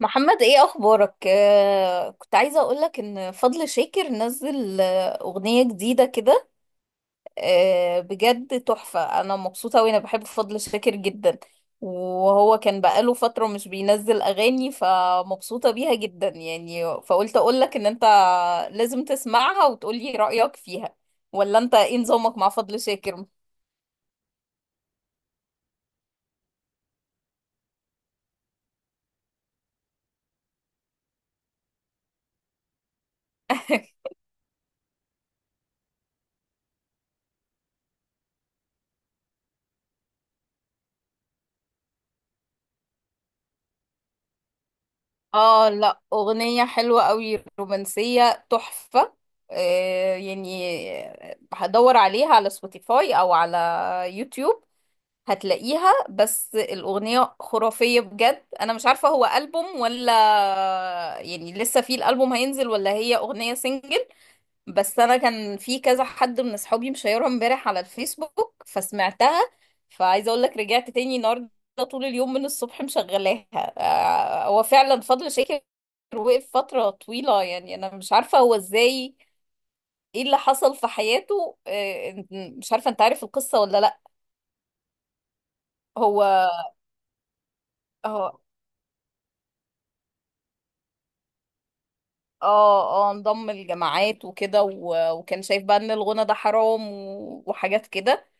محمد ايه اخبارك؟ كنت عايزه اقولك ان فضل شاكر نزل اغنيه جديده كده. آه بجد تحفه، انا مبسوطه وانا بحب فضل شاكر جدا. وهو كان بقاله فتره مش بينزل اغاني فمبسوطه بيها جدا، يعني فقلت اقولك ان انت لازم تسمعها وتقولي رايك فيها. ولا انت ايه نظامك مع فضل شاكر؟ اه لا، اغنية حلوة قوي، رومانسية تحفة. آه يعني هدور عليها على سبوتيفاي او على يوتيوب، هتلاقيها. بس الاغنية خرافية بجد. انا مش عارفة هو ألبوم ولا يعني لسه في الألبوم هينزل، ولا هي اغنية سنجل. بس انا كان في كذا حد من اصحابي مشيرها امبارح على الفيسبوك فسمعتها، فعايزه اقول لك رجعت تاني النهارده طول اليوم من الصبح مشغلاها. آه، هو فعلا فضل شاكر وقف فتره طويله. يعني انا مش عارفه هو ازاي، ايه اللي حصل في حياته. آه، مش عارفه انت عارف القصه ولا لا. هو هو اه اه انضم الجماعات وكده وكان شايف بقى ان الغنى ده حرام وحاجات كده.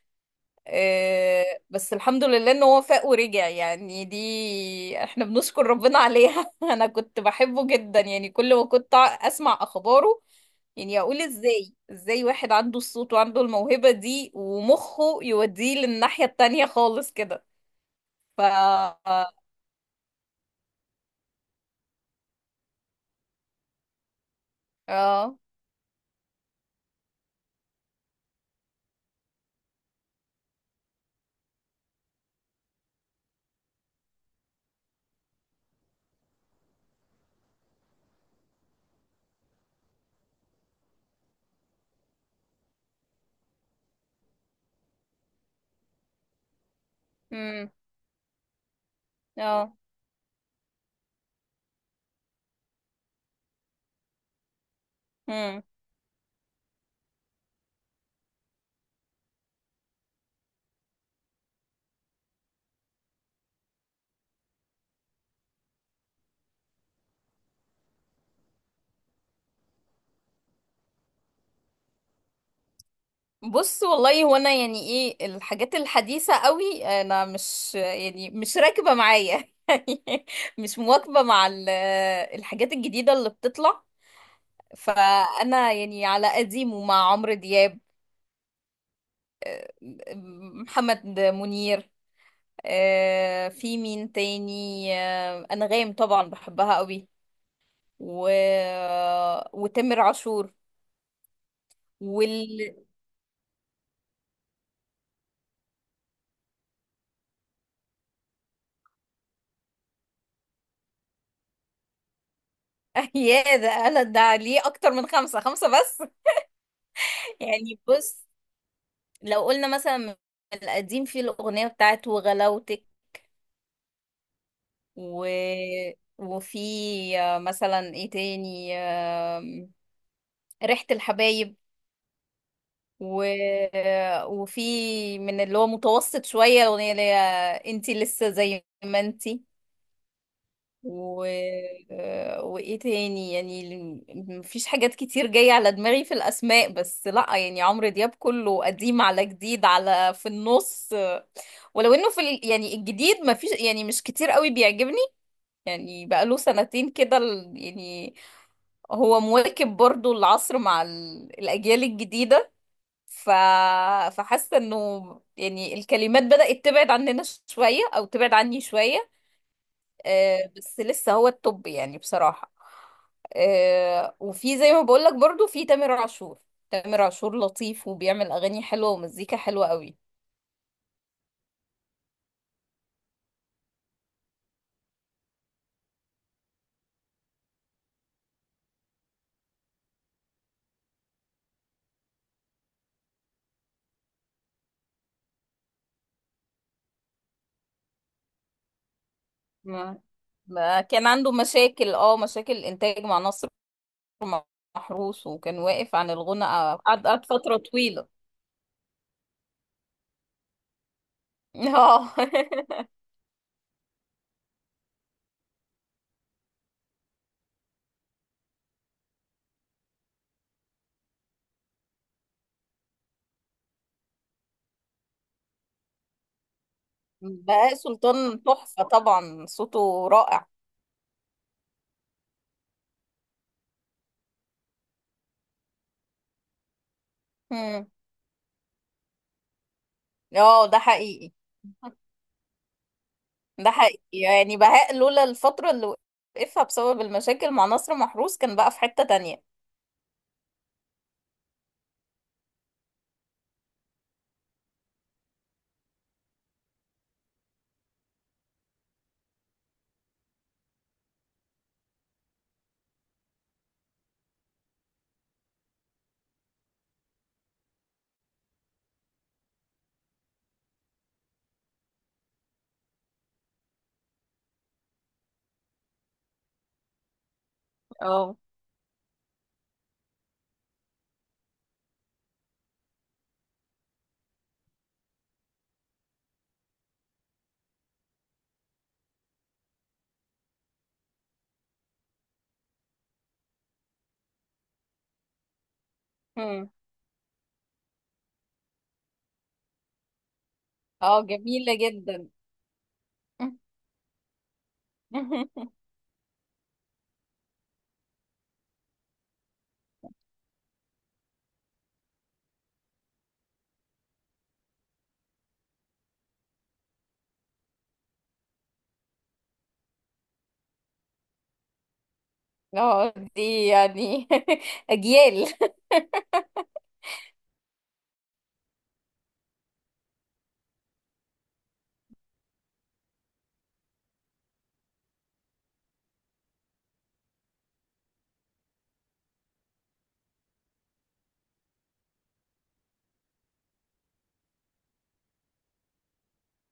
آه، بس الحمد لله ان هو فاق ورجع، يعني دي احنا بنشكر ربنا عليها. انا كنت بحبه جدا، يعني كل ما كنت اسمع اخباره يعني اقول ازاي، ازاي واحد عنده الصوت وعنده الموهبة دي ومخه يوديه للناحية التانية خالص كده. ف اه امم اه بص، والله هو انا يعني ايه الحاجات الحديثة قوي انا مش يعني مش راكبة معايا. يعني مش مواكبة مع الحاجات الجديدة اللي بتطلع. فانا يعني على قديمه، مع عمرو دياب، محمد منير، آه، في مين تاني، آه، انغام طبعا بحبها قوي، و... وتامر عاشور، وال يا ده انا ده ليه اكتر من خمسة؟ خمسة بس. يعني بص، لو قلنا مثلا من القديم في الأغنية بتاعت وغلاوتك، و... وفي مثلا ايه تاني آم، ريحة الحبايب، و... وفي من اللي هو متوسط شوية الأغنية اللي هي انتي لسه زي ما انتي، و... وايه تاني يعني. مفيش حاجات كتير جاية على دماغي في الأسماء، بس لأ يعني عمرو دياب كله قديم على جديد على في النص. ولو انه في يعني الجديد، ما فيش يعني مش كتير قوي بيعجبني. يعني بقاله سنتين كده يعني هو مواكب برضو العصر مع الاجيال الجديدة. ف... فحاسة انه يعني الكلمات بدأت تبعد عننا شوية او تبعد عني شوية. آه بس لسه هو التوب يعني بصراحة. آه وفي زي ما بقولك برضو في تامر عاشور، تامر عاشور لطيف وبيعمل اغاني حلوة ومزيكا حلوة قوي. ما ما كان عنده مشاكل، اه مشاكل انتاج مع نصر محروس، وكان واقف عن الغنى. قعد فترة طويلة. اه. بهاء سلطان تحفة طبعا، صوته رائع. مم. اه ده حقيقي. ده حقيقي يعني، بهاء لولا الفترة اللي وقفها بسبب المشاكل مع نصر محروس كان بقى في حتة تانية. اه. مم. اه جميلة جدا. اه دي يعني اجيال.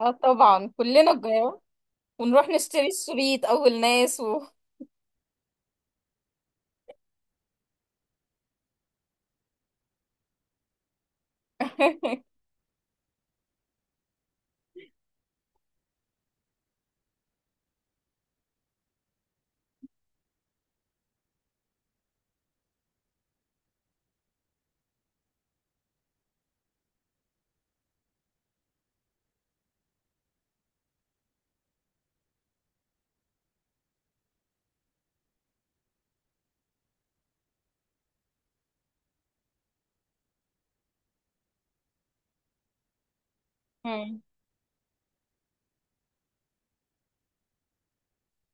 اه طبعا كلنا الجيران، ونروح نشتري الشريط اول ناس، و مم.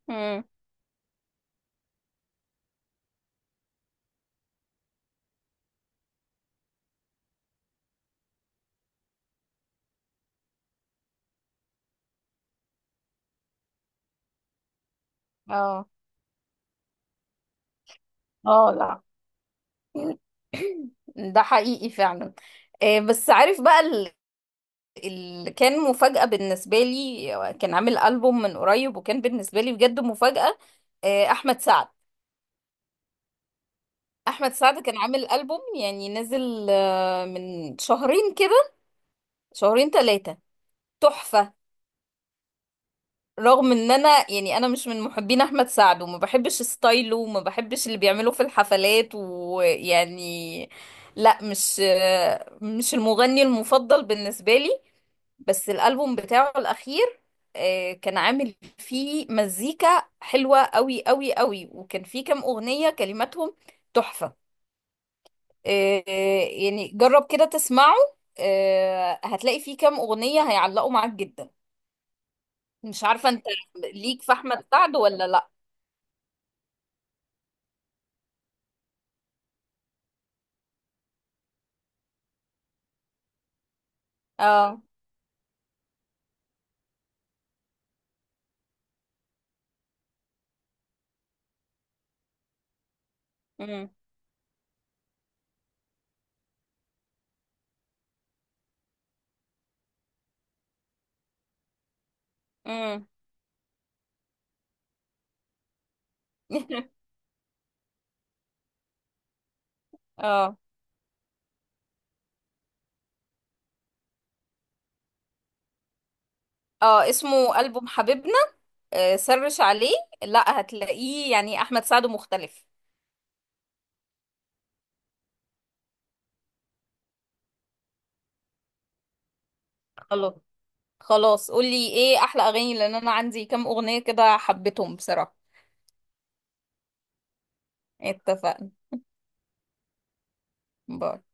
مم. اه اه لا. ده حقيقي فعلا. آه، بس عارف بقى اللي كان مفاجأة بالنسبة لي كان عامل ألبوم من قريب، وكان بالنسبة لي بجد مفاجأة. آه، أحمد سعد. أحمد سعد كان عامل ألبوم يعني نزل آه، من شهرين كده، شهرين ثلاثة، تحفة. رغم ان انا يعني انا مش من محبين احمد سعد وما بحبش ستايله وما بحبش اللي بيعمله في الحفلات ويعني لا، مش مش المغني المفضل بالنسبة لي. بس الالبوم بتاعه الاخير آه، كان عامل فيه مزيكا حلوة قوي قوي قوي، وكان فيه كام اغنية كلماتهم تحفة. آه، آه، يعني جرب كده تسمعه، آه، هتلاقي فيه كام اغنية هيعلقوا معاك جدا. مش عارفة انت ليك في احمد سعد ولا لا. اه امم امم. اه اه اسمه ألبوم حبيبنا. آه، سرش عليه، لا هتلاقيه يعني احمد سعد مختلف. خلاص. خلاص، قولي ايه احلى اغاني، لان انا عندي كام اغنية كده حبيتهم بصراحة. اتفقنا. باي.